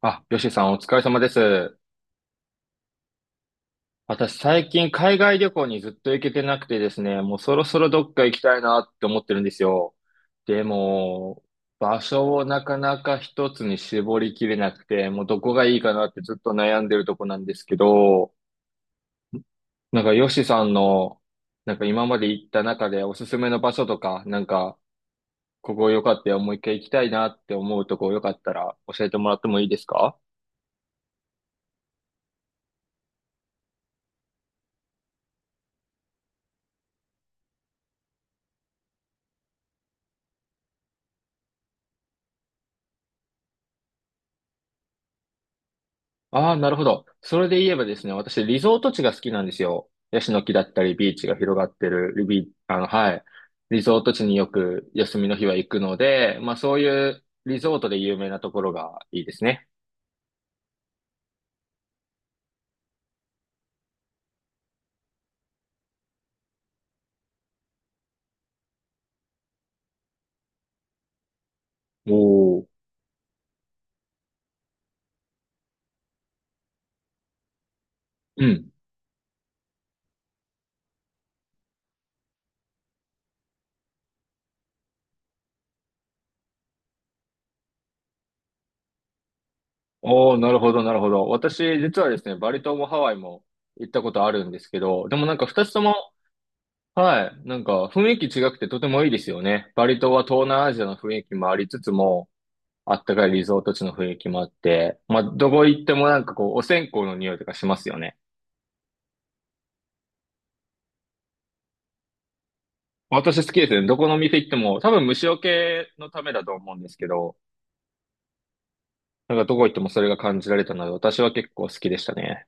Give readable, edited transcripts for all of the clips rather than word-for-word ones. あ、ヨシさんお疲れ様です。私最近海外旅行にずっと行けてなくてですね、もうそろそろどっか行きたいなって思ってるんですよ。でも、場所をなかなか一つに絞りきれなくて、もうどこがいいかなってずっと悩んでるとこなんですけど、なんかヨシさんの、なんか今まで行った中でおすすめの場所とか、なんかここ良かったよ、もう一回行きたいなって思うとこよかったら教えてもらってもいいですか？ああ、なるほど。それで言えばですね、私、リゾート地が好きなんですよ。ヤシの木だったり、ビーチが広がってる、ビ、あの、はい。リゾート地によく休みの日は行くので、まあそういうリゾートで有名なところがいいですね。おお。うん。おお、なるほど、なるほど。私、実はですね、バリ島もハワイも行ったことあるんですけど、でもなんか二つとも、はい、なんか雰囲気違くてとてもいいですよね。バリ島は東南アジアの雰囲気もありつつも、あったかいリゾート地の雰囲気もあって、まあ、どこ行ってもなんかこう、お線香の匂いとかしますよね。私好きですね。どこの店行っても、多分虫除けのためだと思うんですけど、なんかどこ行ってもそれが感じられたので、私は結構好きでしたね。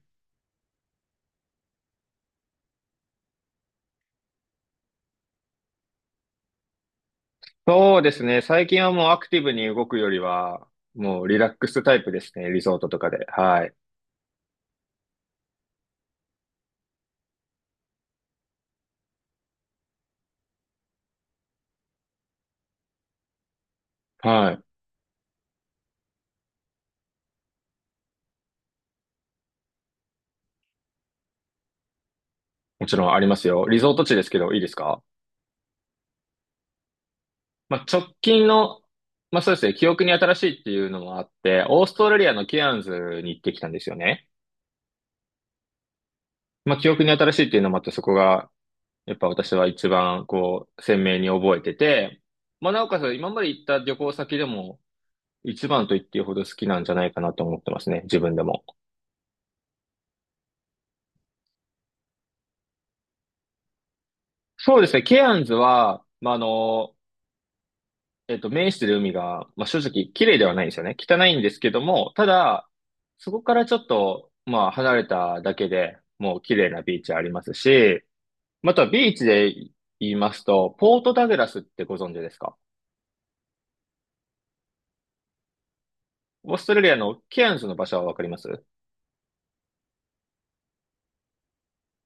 そうですね。最近はもうアクティブに動くよりは、もうリラックスタイプですね。リゾートとかで。はい。はい。もちろんありますよ。リゾート地ですけど、いいですか？まあ、直近の、まあそうですね。記憶に新しいっていうのもあって、オーストラリアのケアンズに行ってきたんですよね。まあ、記憶に新しいっていうのもあって、そこが、やっぱ私は一番、こう、鮮明に覚えてて、まあ、なおかつ、今まで行った旅行先でも、一番と言っていいほど好きなんじゃないかなと思ってますね、自分でも。そうですね、ケアンズは、まあ、面してる海が、まあ、正直、綺麗ではないんですよね。汚いんですけども、ただ、そこからちょっと、まあ、離れただけでもう綺麗なビーチありますし、またビーチで言いますと、ポートダグラスってご存知ですか？オーストラリアのケアンズの場所はわかります？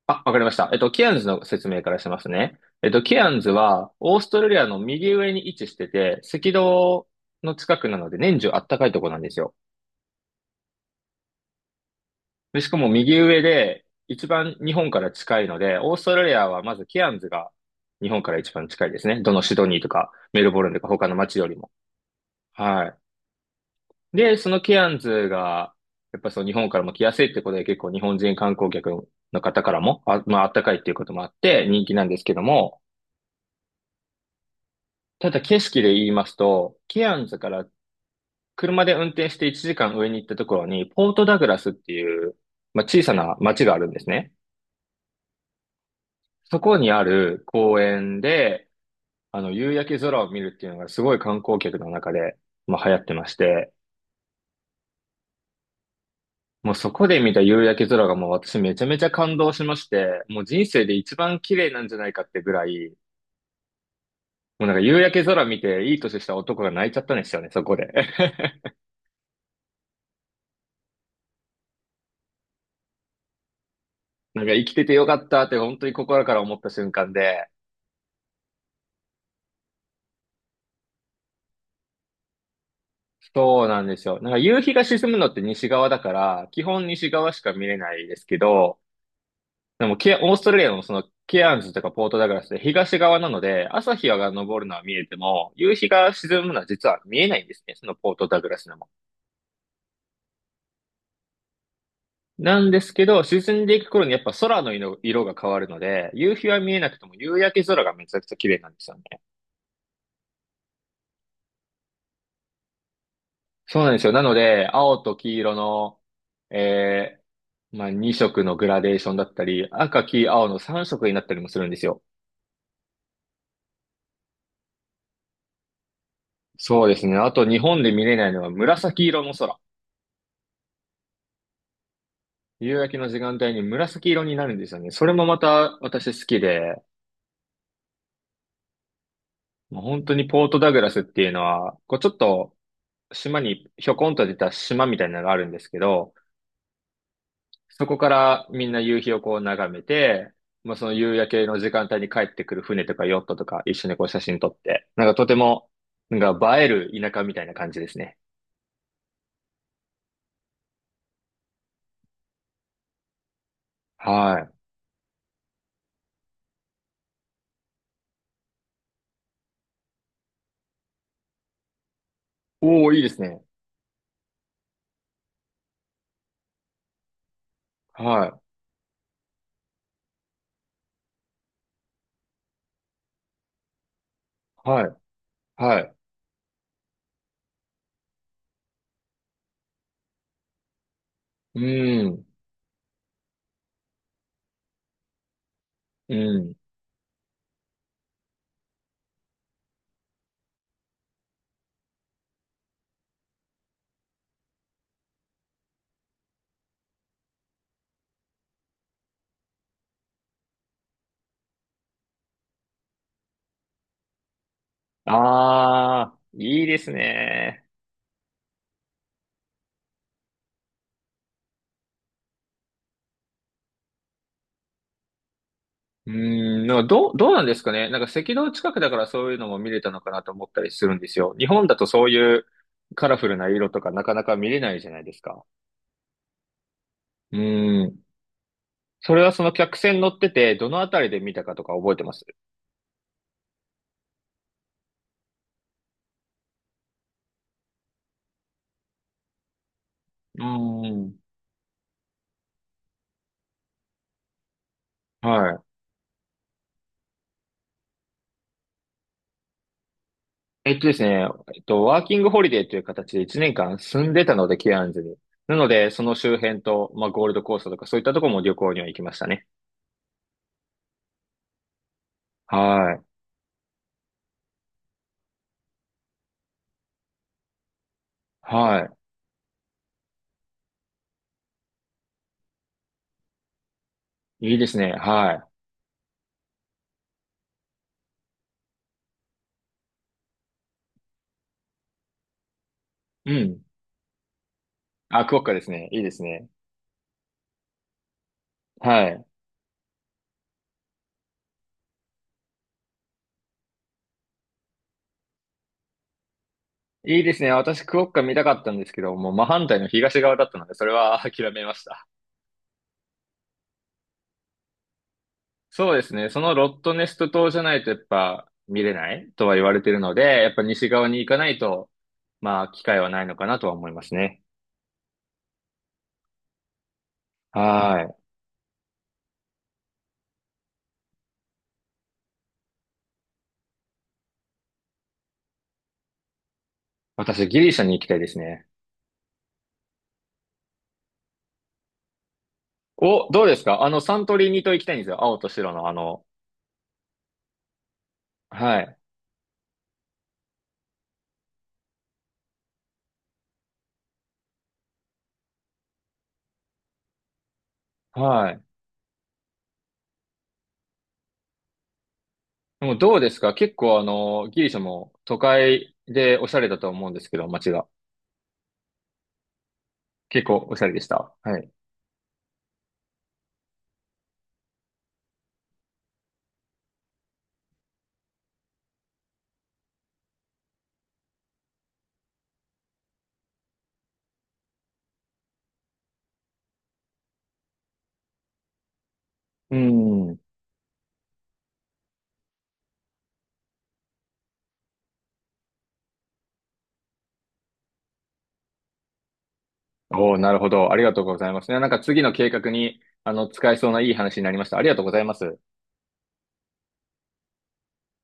あ、わかりました。ケアンズの説明からしますね。ケアンズは、オーストラリアの右上に位置してて、赤道の近くなので、年中あったかいとこなんですよ。で、しかも右上で、一番日本から近いので、オーストラリアはまずケアンズが日本から一番近いですね。どのシドニーとか、メルボルンとか他の街よりも。はい。で、そのケアンズが、やっぱその日本からも来やすいってことで結構日本人観光客の方からも、あ、まああったかいっていうこともあって人気なんですけども、ただ景色で言いますと、ケアンズから車で運転して1時間上に行ったところに、ポートダグラスっていう、まあ、小さな町があるんですね。そこにある公園で、夕焼け空を見るっていうのがすごい観光客の中で、まあ、流行ってまして、もうそこで見た夕焼け空がもう私めちゃめちゃ感動しまして、もう人生で一番綺麗なんじゃないかってぐらい、もうなんか夕焼け空見ていい年した男が泣いちゃったんですよね、そこで。なんか生きててよかったって本当に心から思った瞬間で、そうなんですよ。なんか夕日が沈むのって西側だから、基本西側しか見れないですけど、でもオーストラリアのそのケアンズとかポートダグラスって東側なので、朝日が昇るのは見えても、夕日が沈むのは実は見えないんですね、そのポートダグラスのなんですけど、沈んでいく頃にやっぱ空の色が変わるので、夕日は見えなくても夕焼け空がめちゃくちゃ綺麗なんですよね。そうなんですよ。なので、青と黄色の、えまあ、2色のグラデーションだったり、赤、黄、青の3色になったりもするんですよ。そうですね。あと日本で見れないのは紫色の空。夕焼けの時間帯に紫色になるんですよね。それもまた私好きで、もう本当にポートダグラスっていうのは、こうちょっと島にひょこんと出た島みたいなのがあるんですけど、そこからみんな夕日をこう眺めて、もうその夕焼けの時間帯に帰ってくる船とかヨットとか一緒にこう写真撮って、なんかとても、なんか映える田舎みたいな感じですね。はい。おー、いいですね。はい。はい。はい。うん。うん。あー、いいですね。うん。なんかどうなんですかね。なんか赤道近くだからそういうのも見れたのかなと思ったりするんですよ。日本だとそういうカラフルな色とかなかなか見れないじゃないですか。うん。それはその客船乗ってて、どのあたりで見たかとか覚えてます？うん。はい。えっとですね、えっと、ワーキングホリデーという形で1年間住んでたので、ケアンズに。なので、その周辺と、まあ、ゴールドコーストとかそういったところも旅行には行きましたね。はい。はい。いいですね。はい。うん。あ、クオッカですね。いいですね。はい。いいですね。私、クオッカ見たかったんですけど、もう真反対の東側だったので、それは 諦めました。そうですね。そのロットネスト島じゃないとやっぱ見れないとは言われてるので、やっぱ西側に行かないと、まあ機会はないのかなとは思いますね。はい。私、ギリシャに行きたいですね。お、どうですか？サントリーニ島行きたいんですよ。青と白のあの、はい。はい。でもどうですか？結構ギリシャも都会でおしゃれだと思うんですけど、街が。結構おしゃれでした。はい。うん。おおなるほど。ありがとうございますね。なんか次の計画に、使えそうないい話になりました。ありがとうございます。